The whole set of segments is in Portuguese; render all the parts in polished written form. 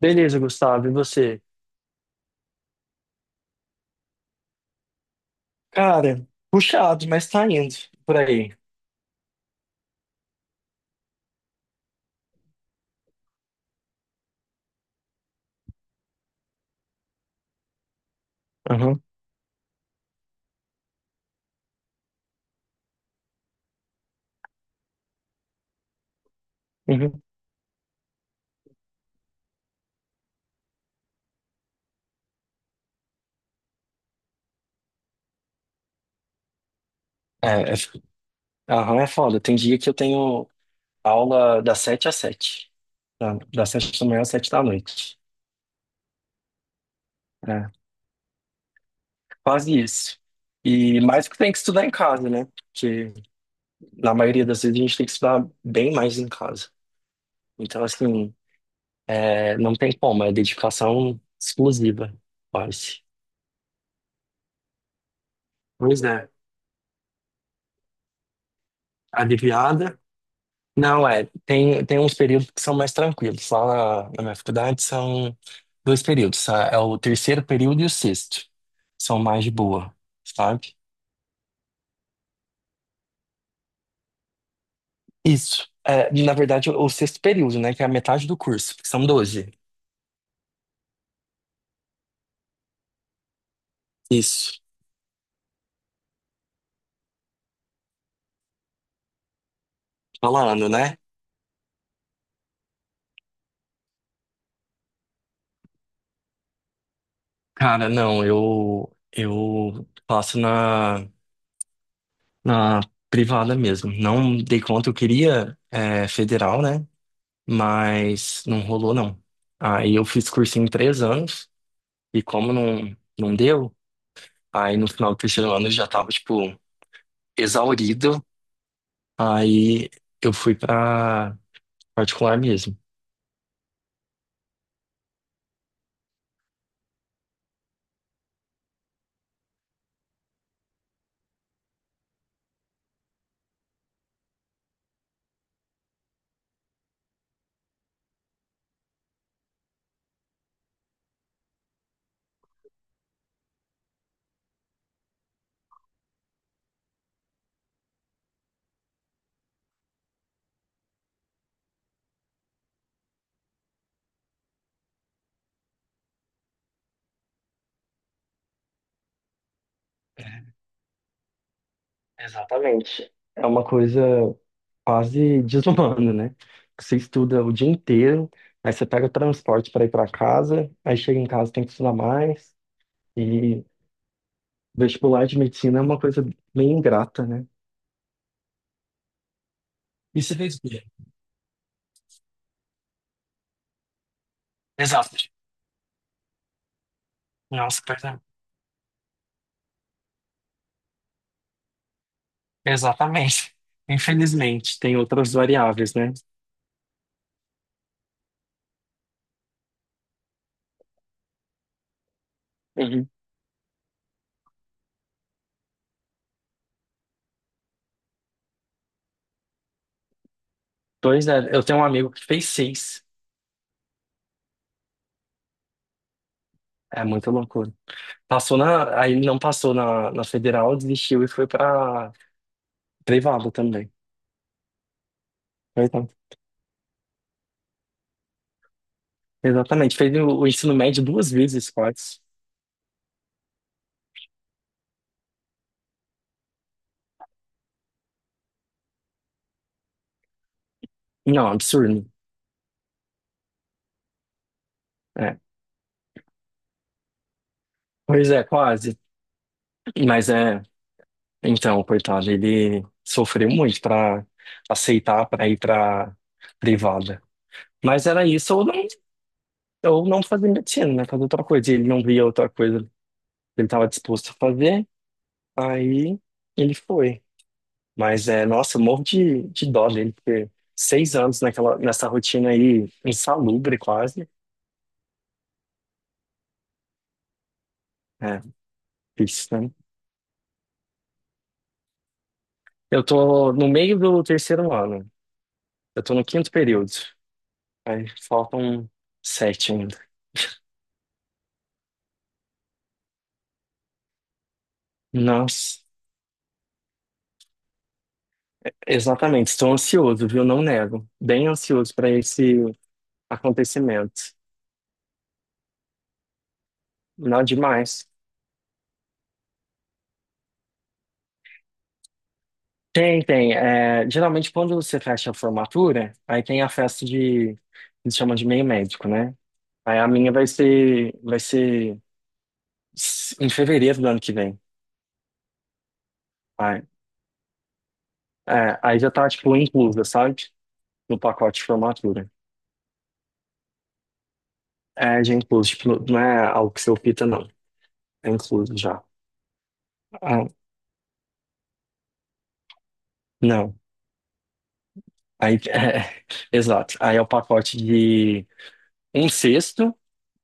Beleza, Gustavo, e você? Cara, puxado, mas tá indo por aí. Aham, uhum. É, é, aham, é foda. Tem dia que eu tenho aula das 7 às 7. Das 7 da manhã às 7 da noite. É, quase isso. E mais que tem que estudar em casa, né? Porque na maioria das vezes a gente tem que estudar bem mais em casa. Então, assim, é, não tem como, é dedicação exclusiva, quase. Pois é, aliviada. Não, é, tem, tem uns períodos que são mais tranquilos. Lá na minha faculdade são dois períodos, é o terceiro período e o sexto. São mais de boa, sabe? Isso. É, na verdade, o sexto período, né, que é a metade do curso, que são 12. Isso. Falando, né? Cara, não, eu faço na privada mesmo. Não dei conta, eu queria é, federal, né? Mas não rolou, não. Aí eu fiz cursinho em 3 anos. E como não deu, aí no final do terceiro ano eu já tava, tipo, exaurido. Aí eu fui pra particular mesmo. Exatamente. É uma coisa quase desumana, né? Você estuda o dia inteiro, aí você pega o transporte para ir para casa, aí chega em casa tem que estudar mais. E vestibular de medicina é uma coisa bem ingrata, né? E você fez o quê? Exato. Nossa, perdão. Exatamente. Infelizmente, tem outras variáveis, né? Pois é, eu tenho um amigo que fez 6. É muita loucura. Passou na, aí não passou na federal, desistiu e foi pra privada também. Coitado. Exatamente, fez o ensino médio duas vezes, quase. Não, absurdo. É. Pois é, quase. Mas é, então, coitado, ele sofreu muito pra aceitar pra ir pra privada. Mas era isso, ou não fazer medicina, né? Fazer outra coisa. Ele não via outra coisa que ele estava disposto a fazer, aí ele foi. Mas é, nossa, eu morro de dó dele, porque 6 anos naquela, nessa rotina aí, insalubre quase. É, isso, né? Eu tô no meio do terceiro ano. Eu tô no quinto período. Aí faltam sete ainda. Nossa, exatamente. Estou ansioso, viu? Não nego. Bem ansioso para esse acontecimento. Não é demais. Tem, tem. É, geralmente, quando você fecha a formatura, aí tem a festa de, eles chamam de meio médico, né? Aí a minha vai ser em fevereiro do ano que vem. Aí, é, aí já tá, tipo, inclusa, sabe? No pacote de formatura. É, já é incluso, tipo, não é algo que você opta, não. É incluso já. Ah, não. Aí, é, exato. Aí é o pacote de um sexto,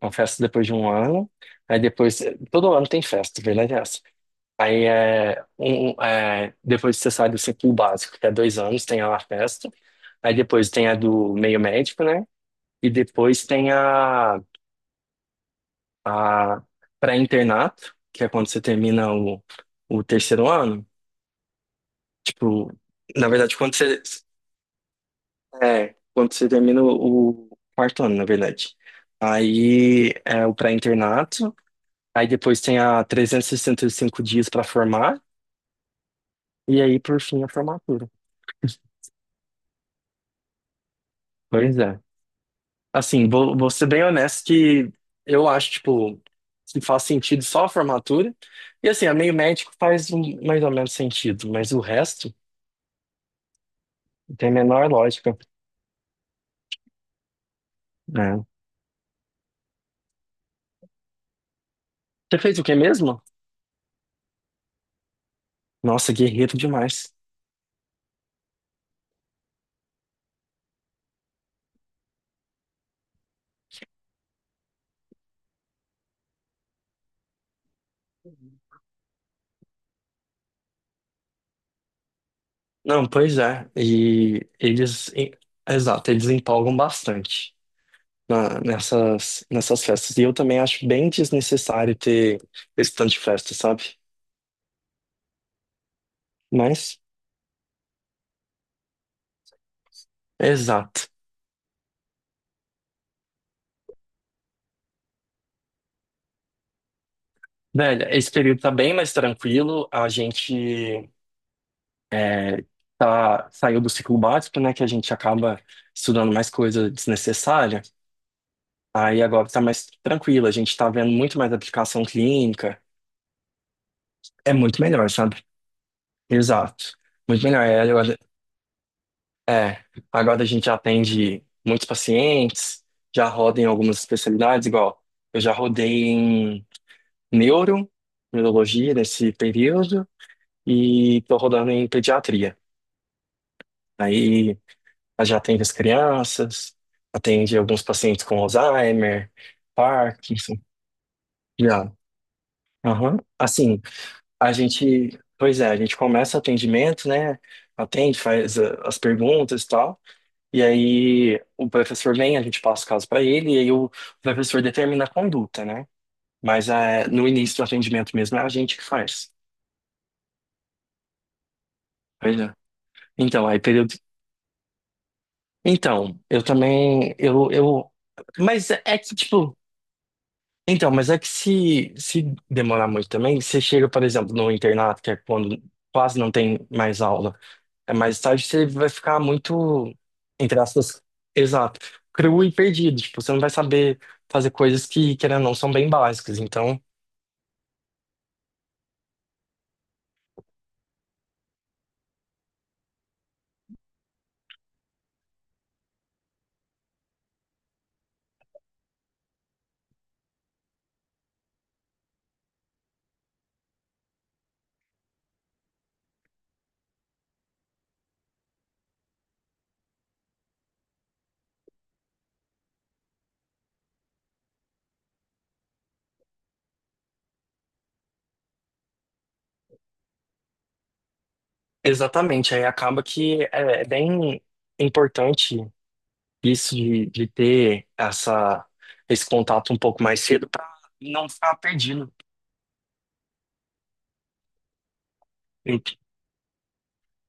uma festa depois de um ano. Aí depois, todo ano tem festa, verdade? Aí depois você sai do ciclo básico, que é 2 anos, tem a La Festa. Aí depois tem a do meio médico, né? E depois tem a pré-internato, que é quando você termina o terceiro ano. Tipo, na verdade, quando você, é, quando você termina o quarto ano, na verdade. Aí é o pré-internato. Aí depois tem a 365 dias para formar. E aí, por fim, a formatura. Pois é. Assim, vou ser bem honesto que eu acho, tipo, que faz sentido só a formatura. E assim, a meio médico faz mais ou menos sentido, mas o resto tem a menor lógica, né? Você fez o quê mesmo? Nossa, guerreiro demais. Não, pois é. E eles, exato, eles empolgam bastante nessas festas. E eu também acho bem desnecessário ter esse tanto de festa, sabe? Mas, exato. Velho, esse período tá bem mais tranquilo. A gente é, tá, saiu do ciclo básico, né? Que a gente acaba estudando mais coisa desnecessária. Aí agora tá mais tranquilo. A gente tá vendo muito mais aplicação clínica. É muito melhor, sabe? Exato. Muito melhor. É, agora, é, agora a gente atende muitos pacientes, já roda em algumas especialidades, igual eu já rodei em neuro, neurologia nesse período, e tô rodando em pediatria. Aí ela já atende as crianças, atende alguns pacientes com Alzheimer, Parkinson. Já. Aham. Assim, a gente, pois é, a gente começa o atendimento, né? Atende, faz as perguntas e tal. E aí o professor vem, a gente passa o caso para ele, e aí o professor determina a conduta, né? Mas no início do atendimento mesmo é a gente que faz. Pois é. Então, aí período. Então, eu também, mas é que, tipo, então, mas é que se demorar muito também, você chega, por exemplo, no internato, que é quando quase não tem mais aula, é mais tarde, você vai ficar muito, entre aspas, exato, cru e perdido. Tipo, você não vai saber fazer coisas que, querendo ou não, são bem básicas. Então, exatamente, aí acaba que é bem importante isso de ter esse contato um pouco mais cedo para não ficar perdido.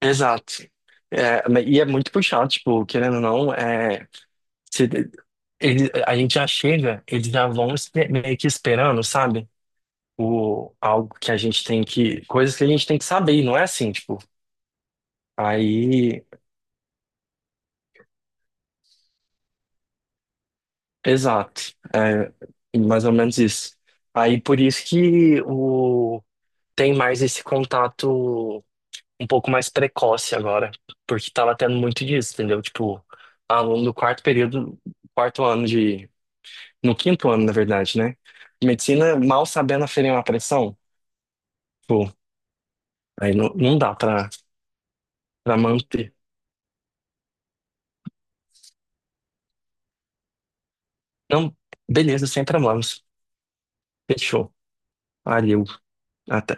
Exato. É, e é muito puxado, tipo, querendo ou não, é, se- a gente já chega, eles já vão meio que esperando, sabe? O, algo que a gente tem que, coisas que a gente tem que saber, e não é assim, tipo, aí, exato, é mais ou menos isso. Aí por isso que o, tem mais esse contato um pouco mais precoce agora, porque tava tendo muito disso, entendeu? Tipo, aluno do quarto período, quarto ano de no quinto ano, na verdade, né? Medicina mal sabendo aferir uma pressão. Pô, aí não dá pra manter. Não, beleza, sem problemas. Fechou. Valeu. Até.